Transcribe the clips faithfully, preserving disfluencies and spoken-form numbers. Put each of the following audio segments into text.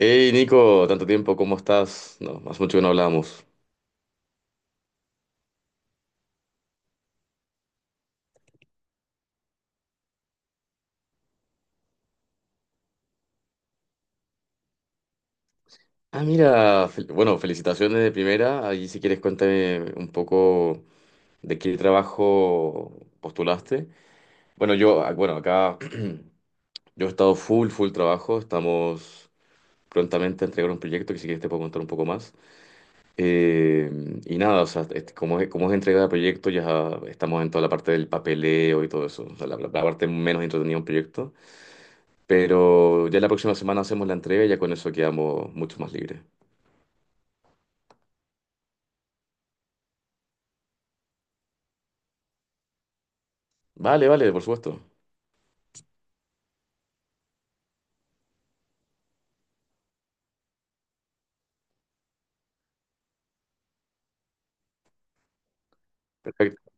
Hey Nico, tanto tiempo, ¿cómo estás? No, hace mucho que no hablábamos. Ah, mira, fel- bueno, felicitaciones de primera. Allí si quieres cuéntame un poco de qué trabajo postulaste. Bueno, yo, ah, bueno, acá yo he estado full, full trabajo. Estamos prontamente a entregar un proyecto que si quieres te puedo contar un poco más. Eh, y nada, o sea, este, como es, como es entrega de proyecto, ya estamos en toda la parte del papeleo y todo eso. O sea, la, la- la parte menos entretenida de un proyecto. Pero ya la próxima semana hacemos la entrega y ya con eso quedamos mucho más libres. Vale, vale, por supuesto. Perfecto.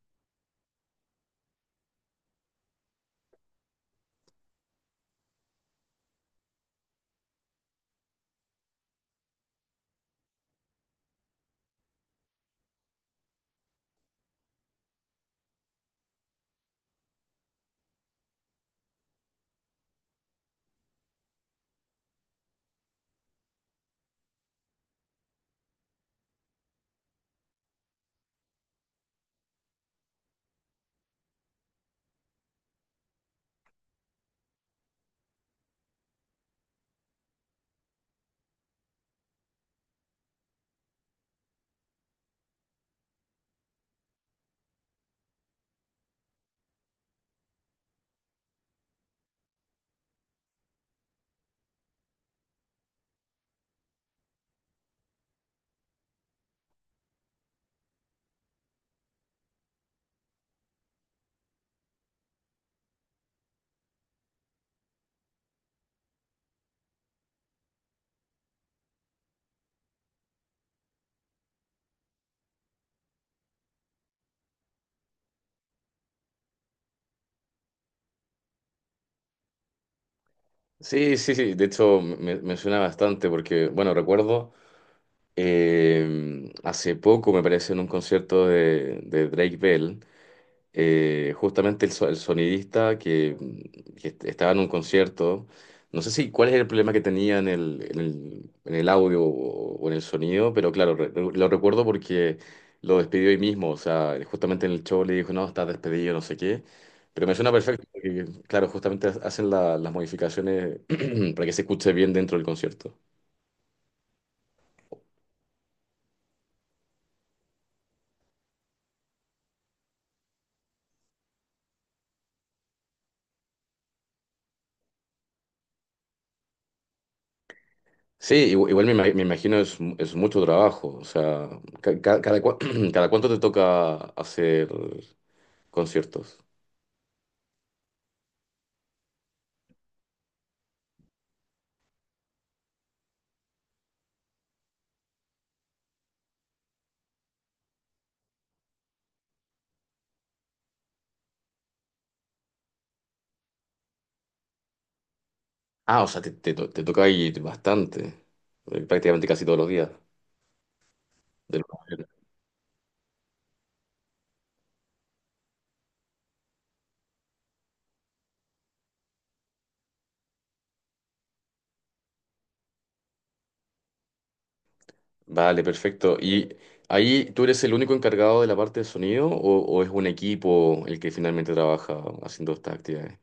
Sí, sí, sí. De hecho, me, me suena bastante porque, bueno, recuerdo. Eh, hace poco me parece en un concierto de, de Drake Bell, eh, justamente el, so- el sonidista que, que est- estaba en un concierto, no sé si cuál es el problema que tenía en el, en el, en el audio o, o en el sonido, pero claro, re- lo recuerdo porque lo despidió hoy mismo, o sea, justamente en el show le dijo, no, estás despedido, no sé qué, pero me suena perfecto, porque claro, justamente hacen la- las modificaciones para que se escuche bien dentro del concierto. Sí, igu- igual me, ima- me imagino es, mu- es mucho trabajo. O sea, ca- ca- cada, cua- cada cuánto te toca hacer conciertos. Ah, o sea, te, te, to- te toca ir bastante, eh, prácticamente casi todos los días de lunes a viernes. Vale, perfecto. ¿Y ahí tú eres el único encargado de la parte de sonido o, o es un equipo el que finalmente trabaja haciendo estas actividades?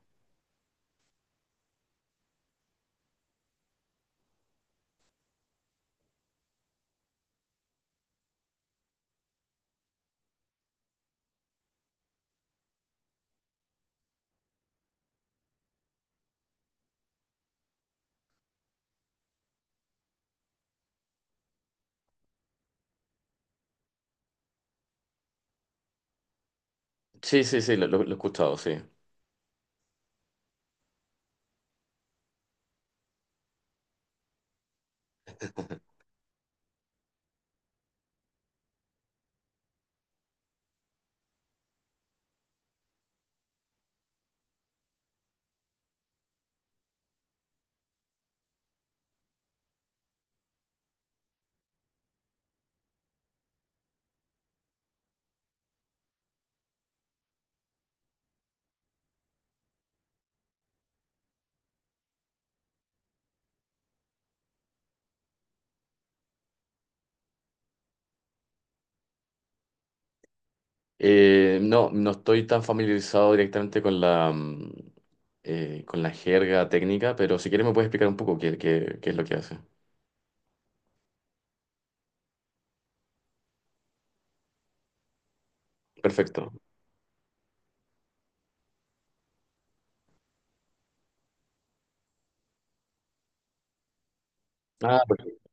Sí, sí, sí, lo, lo- lo he escuchado, sí. Eh, no, no estoy tan familiarizado directamente con la, mm, eh, con la jerga técnica, pero si quieres me puedes explicar un poco qué, qué- qué es lo que hace. Perfecto. Ah, perfecto.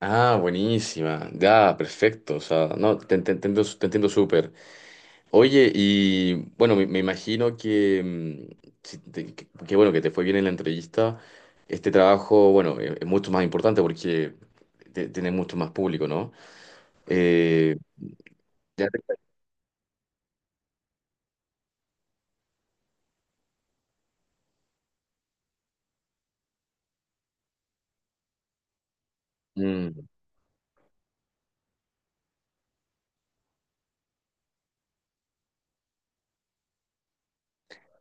Ah, buenísima. Ya, perfecto. O sea, no, te, te entiendo, te entiendo súper. Oye, y bueno, me, me imagino que, mm, si te- que, que bueno, que te fue bien en la entrevista. Este trabajo, bueno, es, es mucho más importante porque te- tiene mucho más público, ¿no? Eh, ya te- mm.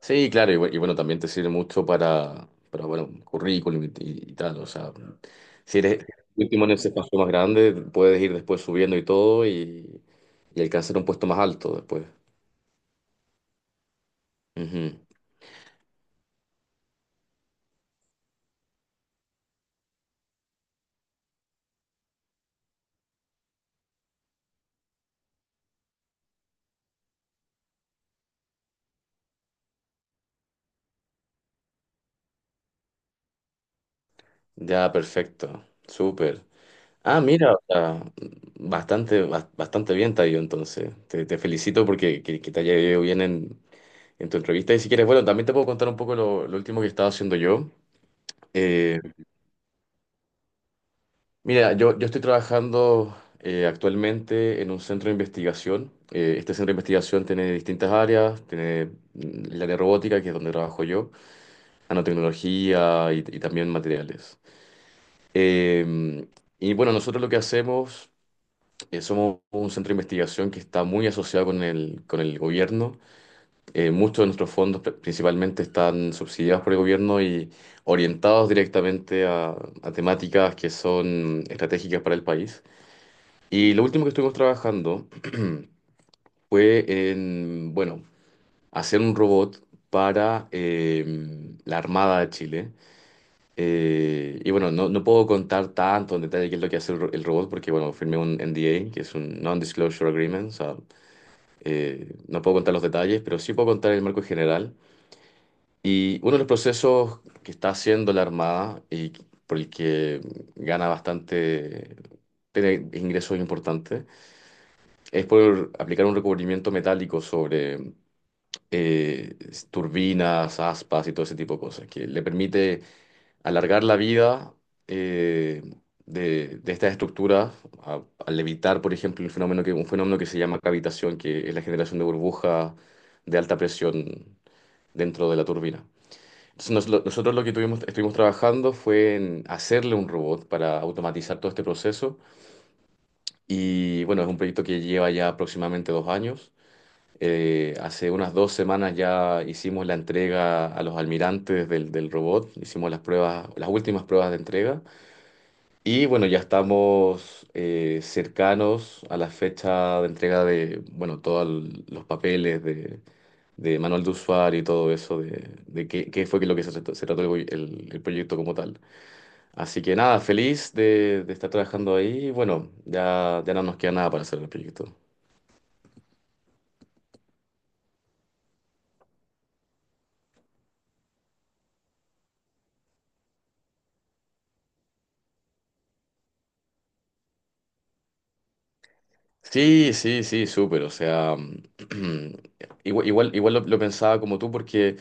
Sí, claro, y, bu- y bueno, también te sirve mucho para, para bueno, currículum y, y- tal, o sea, si eres último en ese paso más grande, puedes ir después subiendo y todo y, y alcanzar un puesto más alto después. Ujú. Ya, perfecto, súper. Ah, mira, o sea, bastante, bas- bastante bien te ha ido entonces, te, te felicito porque que, que te haya ido bien en, en tu entrevista y si quieres, bueno, también te puedo contar un poco lo, lo último que estaba haciendo yo. Eh, Mira, yo, yo estoy trabajando eh, actualmente en un centro de investigación. Eh, este centro de investigación tiene distintas áreas, tiene mm, el área robótica, que es donde trabajo yo, nanotecnología y, y también materiales. Eh, y bueno, nosotros lo que hacemos, eh, somos un centro de investigación que está muy asociado con el, con el gobierno. Eh, muchos de nuestros fondos pr- principalmente están subsidiados por el gobierno y orientados directamente a a temáticas que son mm, estratégicas para el país. Y lo último que estuvimos trabajando fue en, bueno, hacer un robot para eh, la Armada de Chile. Eh, y bueno, no, no puedo contar tanto en detalle qué es lo que hace el, ro- el robot porque, bueno, firmé un N D A, que es un Non-Disclosure Agreement. O sea, eh, no puedo contar los detalles, pero sí puedo contar el marco general. Y uno de los procesos que está haciendo la Armada y por el que gana bastante, tiene ingresos importantes, es por aplicar un recubrimiento metálico sobre eh, turbinas, aspas y todo ese tipo de cosas, que le permite alargar la vida, eh, de, de estas estructuras a- al evitar, por ejemplo, el fenómeno que, un fenómeno que se llama cavitación, que es la generación de burbujas de alta presión dentro de la turbina. Entonces, nos- lo- nosotros lo que tuvimos, estuvimos trabajando fue en hacerle un robot para automatizar todo este proceso. Y bueno, es un proyecto que lleva ya aproximadamente dos años. Eh, hace unas dos semanas ya hicimos la entrega a los almirantes del, del robot, hicimos las pruebas, las últimas pruebas de entrega y bueno, ya estamos eh, cercanos a la fecha de entrega de, bueno, todos l- los papeles de, de manual de usuario y todo eso, de, de qué, qué fue que lo que se trató, se trató el, proy- el- el proyecto como tal. Así que nada, feliz de, de estar trabajando ahí y bueno, ya, ya no nos queda nada para hacer el proyecto. Sí, sí, sí, súper. O sea, igual, igual, igual lo, lo pensaba como tú, porque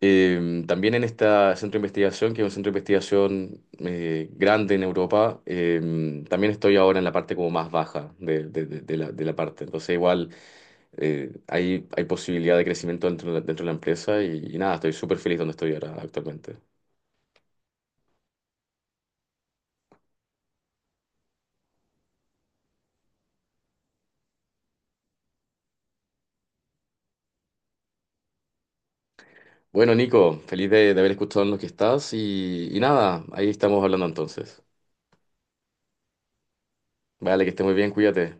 eh, también en este centro de investigación, que es un centro de investigación eh, grande en Europa, eh, también estoy ahora en la parte como más baja de, de- de- de la, de la parte. Entonces, igual eh, hay, hay posibilidad de crecimiento dentro, de- dentro de la empresa y, y nada, estoy súper feliz donde estoy ahora actualmente. Bueno, Nico, feliz de, de haber escuchado en lo que estás y, y nada, ahí estamos hablando entonces. Vale, que estés muy bien, cuídate.